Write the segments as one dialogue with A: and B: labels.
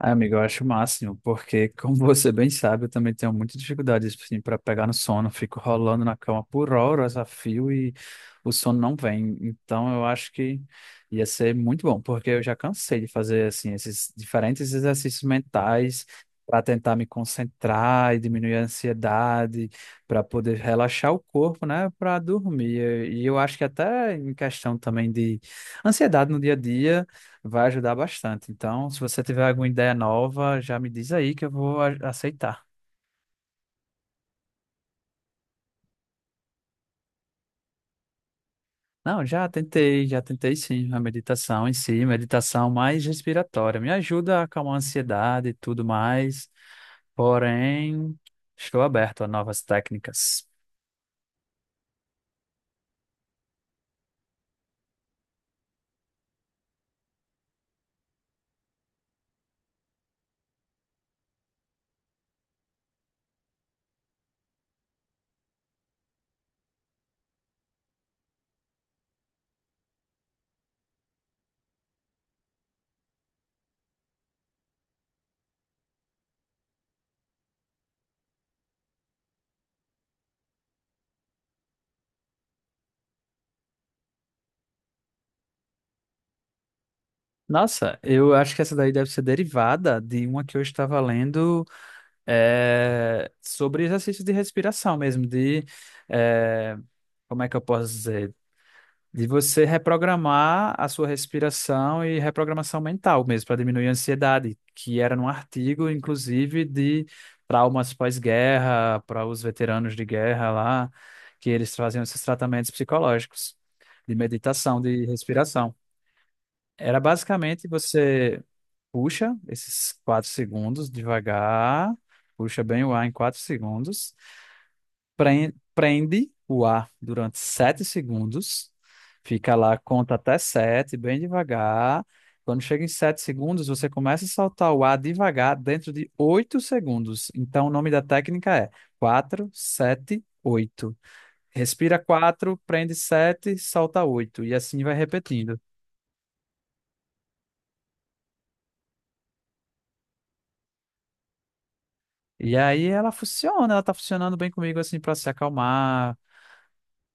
A: Ah, amigo, eu acho o máximo, porque, como você bem sabe, eu também tenho muita dificuldade assim, para pegar no sono. Fico rolando na cama por horas a fio e o sono não vem. Então, eu acho que ia ser muito bom, porque eu já cansei de fazer assim esses diferentes exercícios mentais para tentar me concentrar e diminuir a ansiedade, para poder relaxar o corpo, né, para dormir. E eu acho que até em questão também de ansiedade no dia a dia vai ajudar bastante. Então, se você tiver alguma ideia nova, já me diz aí que eu vou aceitar. Não, já tentei sim, a meditação em si, meditação mais respiratória. Me ajuda a acalmar a ansiedade e tudo mais. Porém, estou aberto a novas técnicas. Nossa, eu acho que essa daí deve ser derivada de uma que eu estava lendo sobre exercícios de respiração mesmo, de eh, como é que eu posso dizer? De você reprogramar a sua respiração e reprogramação mental mesmo, para diminuir a ansiedade, que era num artigo, inclusive, de traumas pós-guerra, para os veteranos de guerra lá, que eles faziam esses tratamentos psicológicos, de meditação, de respiração. Era basicamente você puxa esses 4 segundos devagar, puxa bem o ar em 4 segundos, prende o ar durante 7 segundos. Fica lá, conta até 7 bem devagar. Quando chega em 7 segundos, você começa a soltar o ar devagar dentro de 8 segundos. Então, o nome da técnica é 4, 7, 8. Respira 4, prende 7, solta oito. E assim vai repetindo. E aí ela funciona, ela tá funcionando bem comigo assim para se acalmar,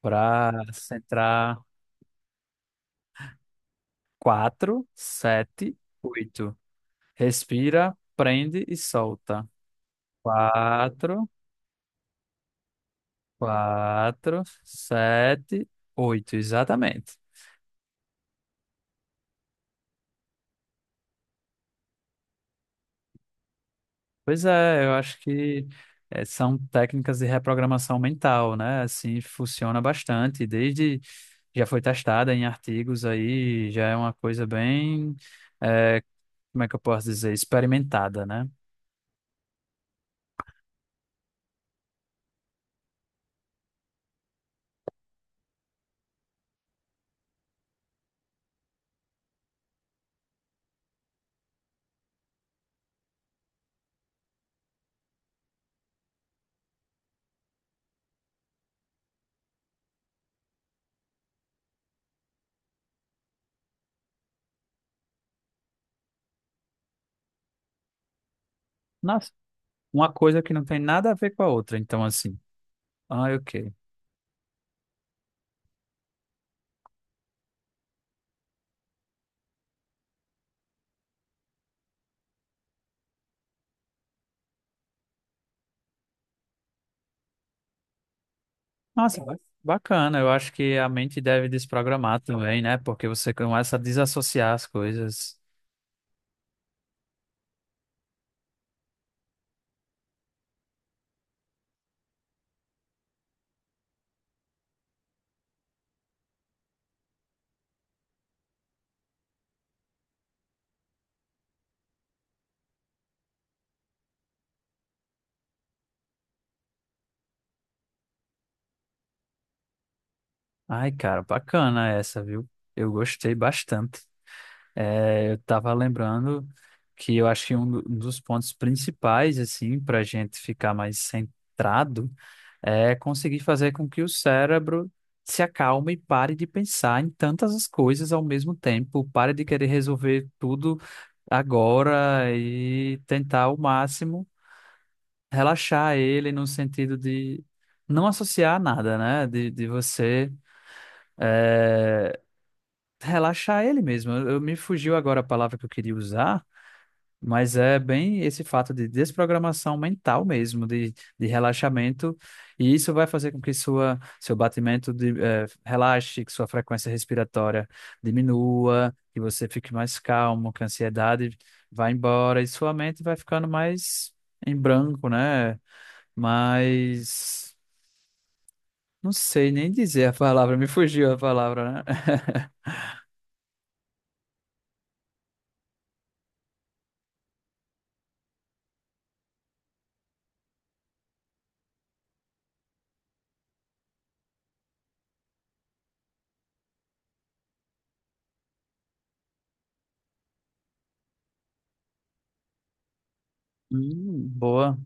A: para centrar. 4, sete, 8. Respira, prende e solta. Quatro, quatro, sete, oito, exatamente. Pois é, eu acho que são técnicas de reprogramação mental, né? Assim, funciona bastante. Desde já foi testada em artigos aí, já é uma coisa bem, eh, como é que eu posso dizer, experimentada, né? Nossa, uma coisa que não tem nada a ver com a outra, então assim. Ah, ok. Nossa, bacana. Eu acho que a mente deve desprogramar também, né? Porque você começa a desassociar as coisas. Ai, cara, bacana essa, viu? Eu gostei bastante. É, eu tava lembrando que eu acho que um dos pontos principais, assim, pra gente ficar mais centrado é conseguir fazer com que o cérebro se acalme e pare de pensar em tantas as coisas ao mesmo tempo, pare de querer resolver tudo agora e tentar o máximo relaxar ele no sentido de não associar nada, né? De você eh, relaxar ele mesmo. Me fugiu agora a palavra que eu queria usar, mas é bem esse fato de desprogramação mental mesmo, de relaxamento, e isso vai fazer com que sua, seu batimento de, relaxe, que sua frequência respiratória diminua, que você fique mais calmo, que a ansiedade vai embora e sua mente vai ficando mais em branco, né? Mas não sei nem dizer a palavra, me fugiu a palavra, né? Boa.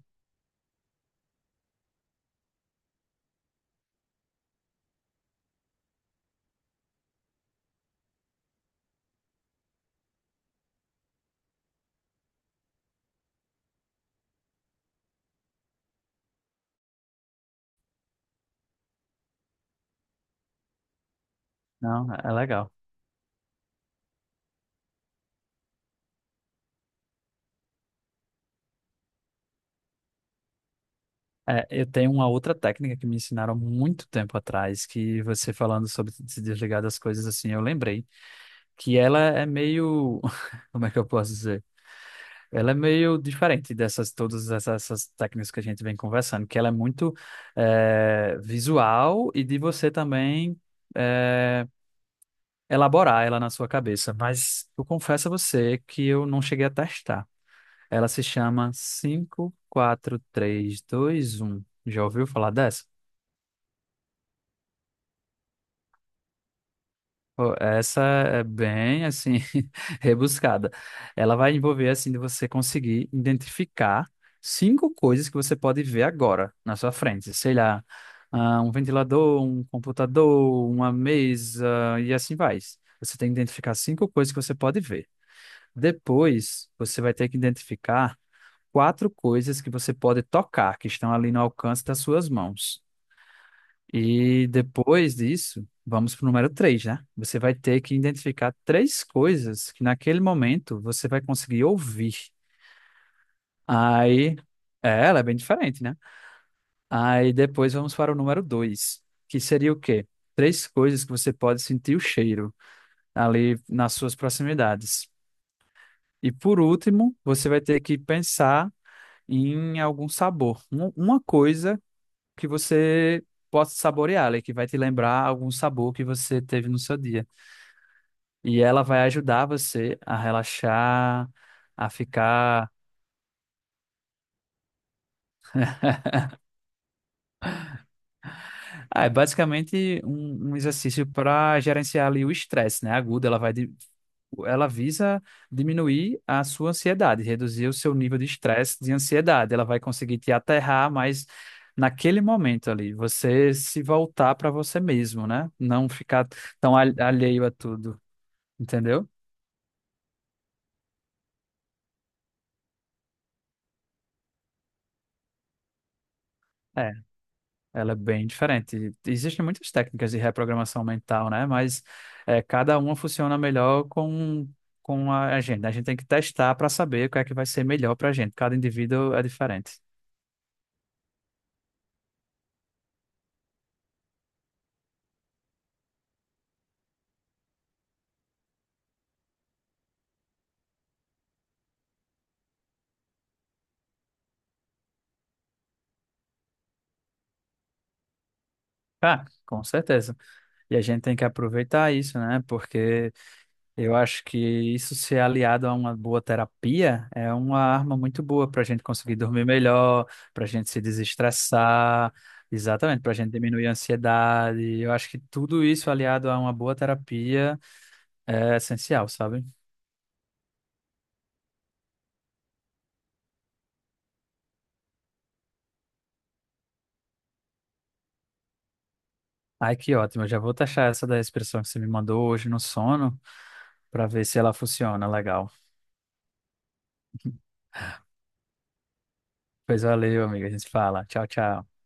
A: Não, é legal. É, eu tenho uma outra técnica que me ensinaram há muito tempo atrás, que você falando sobre se desligar das coisas assim, eu lembrei que ela é meio, como é que eu posso dizer? Ela é meio diferente dessas todas essas, técnicas que a gente vem conversando, que ela é muito visual e de você também eh, elaborar ela na sua cabeça, mas eu confesso a você que eu não cheguei a testar. Ela se chama cinco, quatro, três, dois, um. Já ouviu falar dessa? Pô, essa é bem assim rebuscada. Ela vai envolver assim de você conseguir identificar cinco coisas que você pode ver agora na sua frente. Sei lá, ah, um ventilador, um computador, uma mesa e assim vai. Você tem que identificar cinco coisas que você pode ver. Depois, você vai ter que identificar quatro coisas que você pode tocar, que estão ali no alcance das suas mãos. E depois disso, vamos para o número três, né? Você vai ter que identificar três coisas que naquele momento você vai conseguir ouvir. Aí, é, ela é bem diferente, né? Aí depois vamos para o número dois, que seria o quê? Três coisas que você pode sentir o cheiro ali nas suas proximidades. E por último, você vai ter que pensar em algum sabor. Uma coisa que você possa saborear, ali, que vai te lembrar algum sabor que você teve no seu dia. E ela vai ajudar você a relaxar, a ficar. Ah, é basicamente um exercício para gerenciar ali o estresse, né? Agudo, ela visa diminuir a sua ansiedade, reduzir o seu nível de estresse, de ansiedade. Ela vai conseguir te aterrar, mas naquele momento ali, você se voltar para você mesmo, né? Não ficar tão alheio a tudo, entendeu? É, ela é bem diferente. Existem muitas técnicas de reprogramação mental, né? Mas é, cada uma funciona melhor com a gente. A gente tem que testar para saber o que é que vai ser melhor para a gente. Cada indivíduo é diferente. Ah, com certeza. E a gente tem que aproveitar isso, né? Porque eu acho que isso ser aliado a uma boa terapia é uma arma muito boa para a gente conseguir dormir melhor, para a gente se desestressar, exatamente, para a gente diminuir a ansiedade. Eu acho que tudo isso aliado a uma boa terapia é essencial, sabe? Ai, que ótimo. Eu já vou taxar essa da expressão que você me mandou hoje no sono para ver se ela funciona legal. Pois valeu, amiga. A gente fala. Tchau, tchau.